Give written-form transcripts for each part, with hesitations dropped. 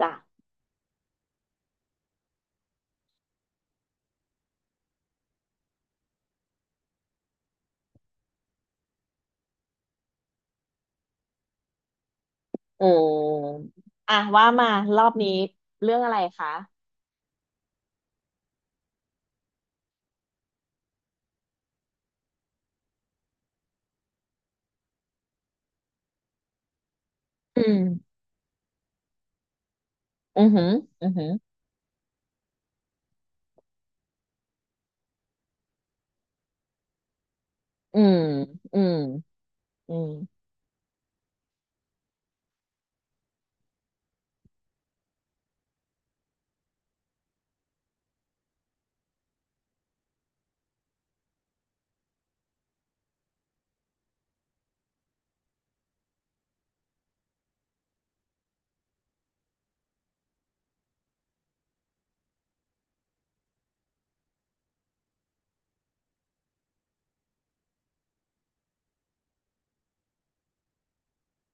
จ้ะอืมอ่ะว่ามารอบนี้เรื่องอะไรคะอืมอือหืออือหืออืมอืมอืม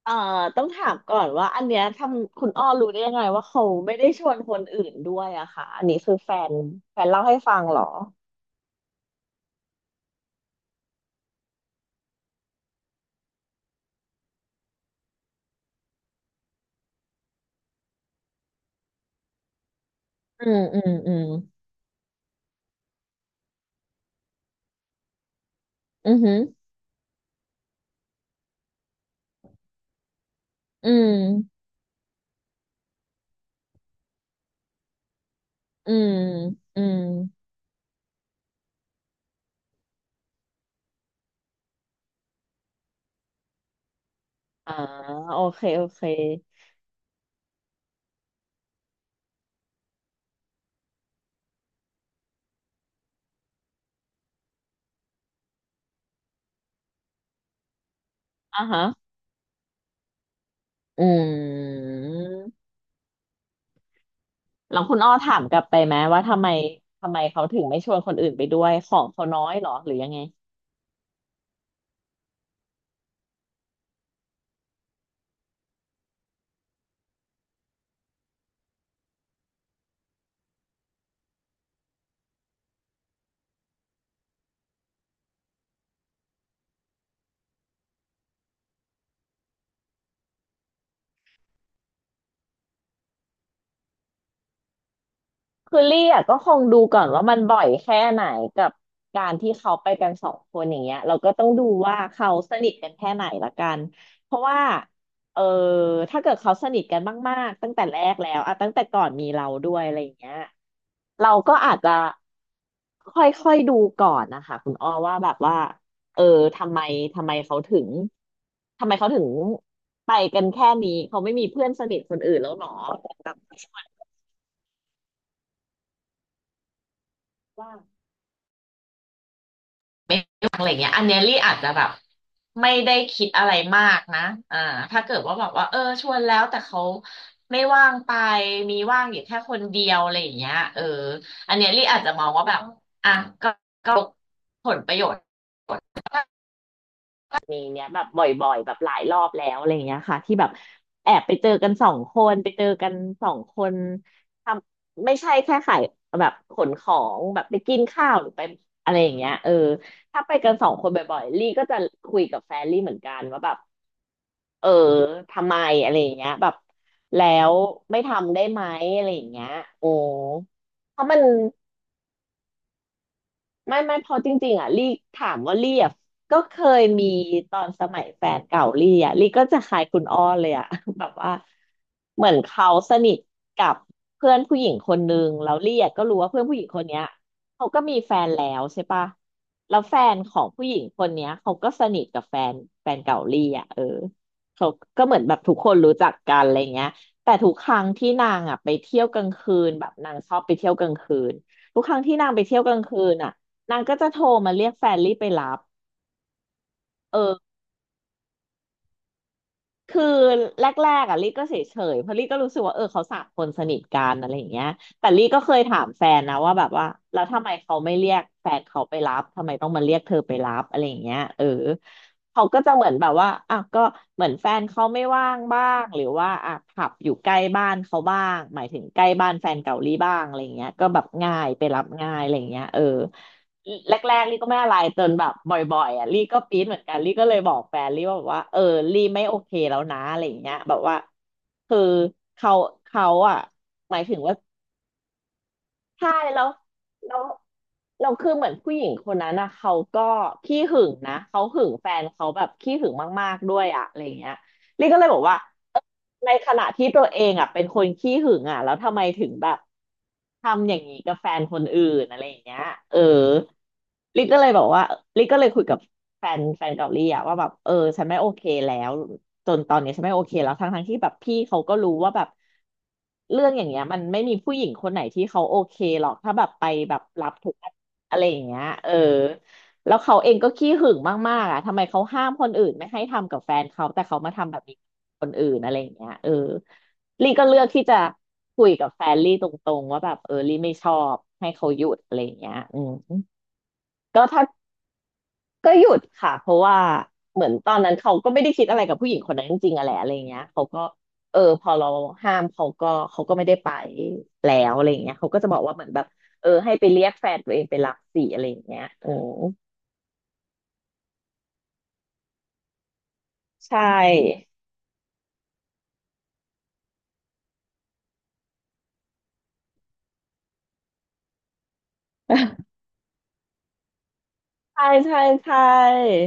เอ่อต้องถามก่อนว่าอันเนี้ยทำคุณอ้อรู้ได้ยังไงว่าเขาไม่ได้ชวนคนอื่นด้วยอะค่ะอันนี้คือแฟนแฟนเล่าให้ฟังเหรออืมอืมอืมอือหืออืมอืมอืมอ่าโอเคโอเคอ่ะฮะอืม แล้วคุณอ้อถามกลับไปไหมว่าทำไมทำไมเขาถึงไม่ชวนคนอื่นไปด้วยของเขาน้อยเหรอหรือยังไง คือลี่อะก็คงดูก่อนว่ามันบ่อยแค่ไหนกับการที่เขาไปกันสองคนอย่างเงี้ยเราก็ต้องดูว่าเขาสนิทกันแค่ไหนละกันเพราะว่าเออถ้าเกิดเขาสนิทกันมากๆตั้งแต่แรกแล้วอะตั้งแต่ก่อนมีเราด้วยอะไรอย่างเงี้ยเราก็อาจจะค่อยๆดูก่อนนะคะคุณอ้อว่าแบบว่าเออทำไมทำไมเขาถึงทำไมเขาถึงไปกันแค่นี้เขาไม่มีเพื่อนสนิทคนอื่นแล้วหรอแบบว่า อะไรเงี้ยอันเนี้ยลี่อาจจะแบบไม่ได้คิดอะไรมากนะอ่าถ้าเกิดว่าแบบว่าเออชวนแล้วแต่เขาไม่ว่างไปมีว่างอยู่แค่คนเดียวอะไรอย่างเงี้ยเอออันเนี้ยลี่อาจจะมองว่าแบบอ่ะก็ก็ผลประโยชน์ มีเนี้ยแบบบ่อยๆแบบหลายรอบแล้วอะไรอย่างเงี้ยค่ะที่แบบแอบไปเจอกันสองคนไปเจอกันสองคนทำไม่ใช่แค่ขายแบบขนของแบบไปกินข้าวหรือไปอะไรอย่างเงี้ยเออถ้าไปกันสองคนบ่อยๆลี่ก็จะคุยกับแฟนลี่เหมือนกันว่าแบบเออทำไมอะไรอย่างเงี้ยแบบแล้วไม่ทำได้ไหมอะไรอย่างเงี้ยโอ้เพราะมัน ไม่เพอจริงๆอ่ะลี่ถามว่าลี่อ่ะก็เคยมีตอนสมัยแฟนเก่าลี่อ่ะลี่ก็จะขายคุณอ้อเลยอ่ะ แบบว่าเหมือนเขาสนิทกับเพื่อนผู้หญิงคนนึงแล้วลี่อ่ะก็รู้ว่าเพื่อนผู้หญิงคนเนี้ยเขาก็มีแฟนแล้วใช่ปะแล้วแฟนของผู้หญิงคนเนี้ยเขาก็สนิทกับแฟนแฟนเก่าลี่อ่ะเออเขาก็เหมือนแบบทุกคนรู้จักกันอะไรเงี้ยแต่ทุกครั้งที่นางอ่ะไปเที่ยวกลางคืนแบบนางชอบไปเที่ยวกลางคืนทุกครั้งที่นางไปเที่ยวกลางคืนอ่ะ นางก็จะโทรมาเรียกแฟนลี่ไปรับ เออ คือแรกๆอ่ะลี่ก็เฉยๆเพราะลี่ก็รู้สึกว่าเออเขาสามคนสนิทกันอะไรอย่างเงี้ยแต่ลี่ก็เคยถามแฟนนะว่าแบบว่าแล้วทำไมเขาไม่เรียกแฟนเขาไปรับทำไมต้องมาเรียกเธอไปรับอะไรอย่างเงี้ยเออเขาก็จะเหมือนแบบว่าอ่ะก็เหมือนแฟนเขาไม่ว่างบ้างหรือว่าอ่ะผับอยู่ใกล้บ้านเขาบ้างหมายถึงใกล้บ้านแฟนเก่าหลี่บ้างอะไรอย่างเงี้ยก็แบบง่ายไปรับง่ายอะไรอย่างเงี้ยเออ แรกๆลี่ก็ไม่อะไรจนแบบบ่อยๆอ่ะลี่ก็ปี๊ดเหมือนกันลี่ก็เลยบอกแฟนลี่ว่าแบบว่าเออลี่ไม่โอเคแล้วนะอะไรอย่างเงี้ยแบบว่าคือเขาเขาอ่ะหมายถึงว่า ใช่แล้วแล้วเราคือเหมือนผู้หญิงคนนั้นนะเขาก็ขี้หึงนะเขาหึงแฟนเขาแบบขี้หึงมากๆด้วยอะอะไรอย่างเงี้ยลี่ก็เลยบอกว่าในขณะที่ตัวเองอ่ะเป็นคนขี้หึงอ่ะแล้วทำไมถึงแบบทำอย่างนี้กับแฟนคนอื่นอะไรอย่างเงี้ยเออลิก็เลยบอกว่าลิก็เลยคุยกับแฟนแฟนเกาหลีอ่ะว่าแบบเออฉันไม่โอเคแล้ว จนตอนนี้ฉันไม่โอเคแล้วทั้งที่แบบพี่เขาก็รู้ว่าแบบเรื่องอย่างเงี้ยมันไม่มีผู้หญิงคนไหนที่เขาโอเคหรอกถ้าแบบไปแบบรับทุกอันอะไรอย่างเงี้ยเออแล้วเขาเองก็ขี้หึงมากๆอ่ะทำไมเขาห้ามคนอื่นไม่ให้ทำกับแฟนเขาแต่เขามาทำแบบนี้กับคนอื่นอะไรอย่างเงี้ยเออลี่ก็เลือกที่จะคุยกับแฟนลี่ตรงๆว่าแบบเออลี่ไม่ชอบให้เขาหยุดอะไรอย่างเงี้ยอืมก็ถ้า ก็หยุดค่ะเพราะว่าเหมือนตอนนั้นเขาก็ไม่ได้คิดอะไรกับผู้หญิงคนนั้นจริงๆอะแหละอะไรเงี้ยเขาก็พอเราห้ามเขาก็ไม่ได้ไปแล้วอะไรเงี้ยเขาก็จะบอกว่าเหมือนแบบเออให้ไปเรียกแฟนตัวเองไปรับสิอะไรอย่างเงี้ยอืมใช่ใช่ใช่ใช่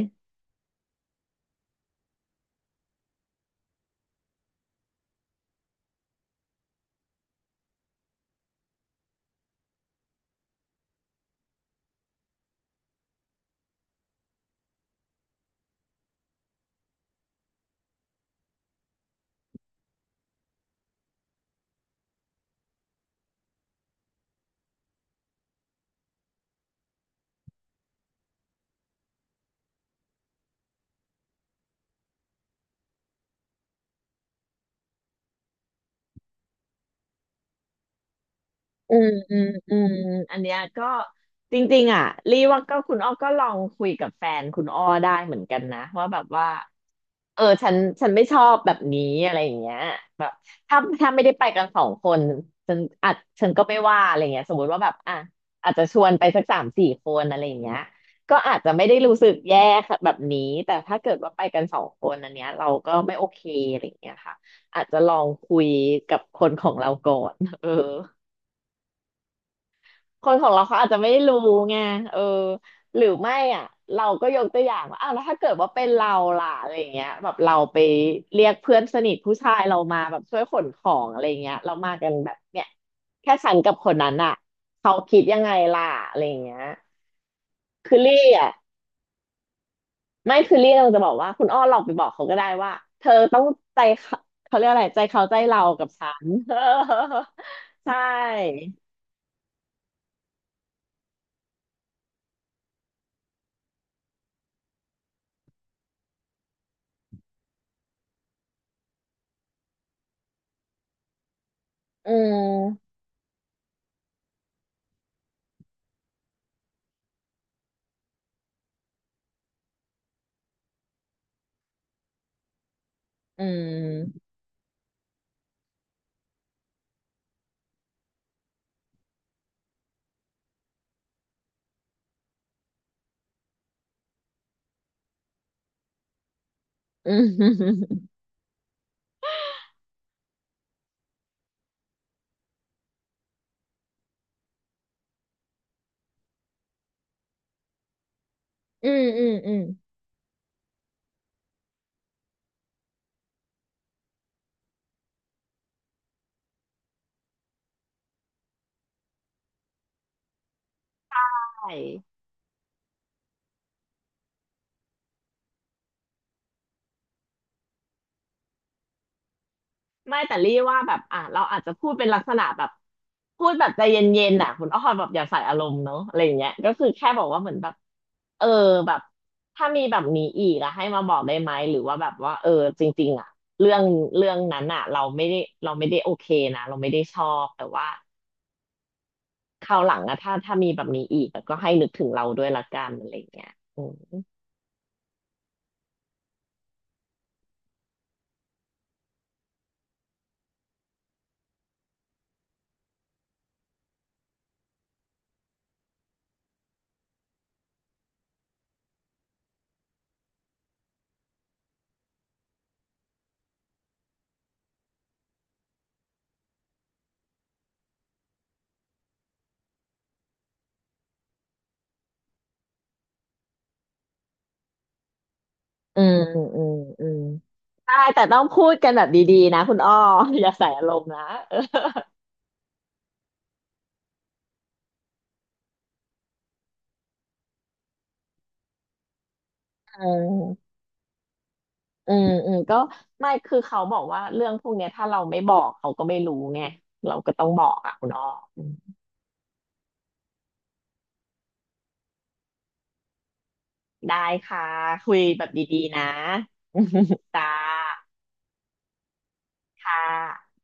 อืมอืมอืมอันเนี้ยก็จริงๆอ่ะรีว่าก็คุณอ้อก็ลองคุยกับแฟนคุณอ้อได้เหมือนกันนะว่าแบบว่า เออฉันไม่ชอบแบบนี้อะไรอย่างเงี้ยแบบถ้าไม่ได้ไปกันสองคนฉันอาจฉันก็ไม่ว่าอะไรเงี้ยสมมติว่าแบบอ่ะอาจจะชวนไปสักสามสี่คนอะไรอย่างเงี้ยก็อาจจะไม่ได้รู้สึกแย่ค่ะแบบนี้แต่ถ้าเกิดว่าไปกันสองคนอันเนี้ยเราก็ไม่โอเคอะไรอย่างเงี้ยค่ะอาจจะลองคุยกับคนของเราก่อนเออ คนของเราเขาอาจจะไม่รู้ไงเออหรือไม่อ่ะเราก็ยกตัวอย่างว่าอ้าวแล้วถ้าเกิดว่าเป็นเราล่ะอะไรอย่างเงี้ยแบบเราไปเรียกเพื่อนสนิทผู้ชายเรามาแบบช่วยขนของอะไรอย่างเงี้ยเรามากันแบบเนี่ยแค่ฉันกับคนนั้นอ่ะเขาคิดยังไงล่ะอะไรอย่างเงี้ยคือลี่อ่ะไม่คือลี่เราจะบอกว่าคุณอ้อลองไปบอกเขาก็ได้ว่าเธอต้องใจเขาเขาเรียกอะไรใจเขาใจเรากับฉัน ใช่ อืมอืมอืม อืมอืมอืมใช่ไม่แต่รี่ว่าแบบอ่ะเราอาจจะพูดเป็นลักษณะแบบพูดแบบใจเย็นๆน่ะคุณอ้อแบบอย่าใส่อารมณ์เนาะอะไรอย่างเงี้ยก็คือแค่บอกว่าเหมือนแบบเออแบบถ้ามีแบบนี้อีกอะให้มาบอกได้ไหมหรือว่าแบบว่าเออจริงๆอะเรื่องเรื่องนั้นอะเราไม่ได้โอเคนะเราไม่ได้ชอบแต่ว่าคราวหลังอะถ้ามีแบบนี้อีกอะก็ให้นึกถึงเราด้วยละกันอะไรอย่างเงี้ยอืม อืมอืมอืมได้แต่ต้องพูดกันแบบดีๆนะคุณอ้อ อย่าใส่อารมณ์นะเออเอออืมอืมก็ไม่คือเขาบอกว่าเรื่องพวกเนี้ยถ้าเราไม่บอกเขาก็ไม่รู้ไงเราก็ต้องบอกอ่ะคุณอ้ออืมได้ค่ะคุยแบบดีๆนะ จ้าค่ะ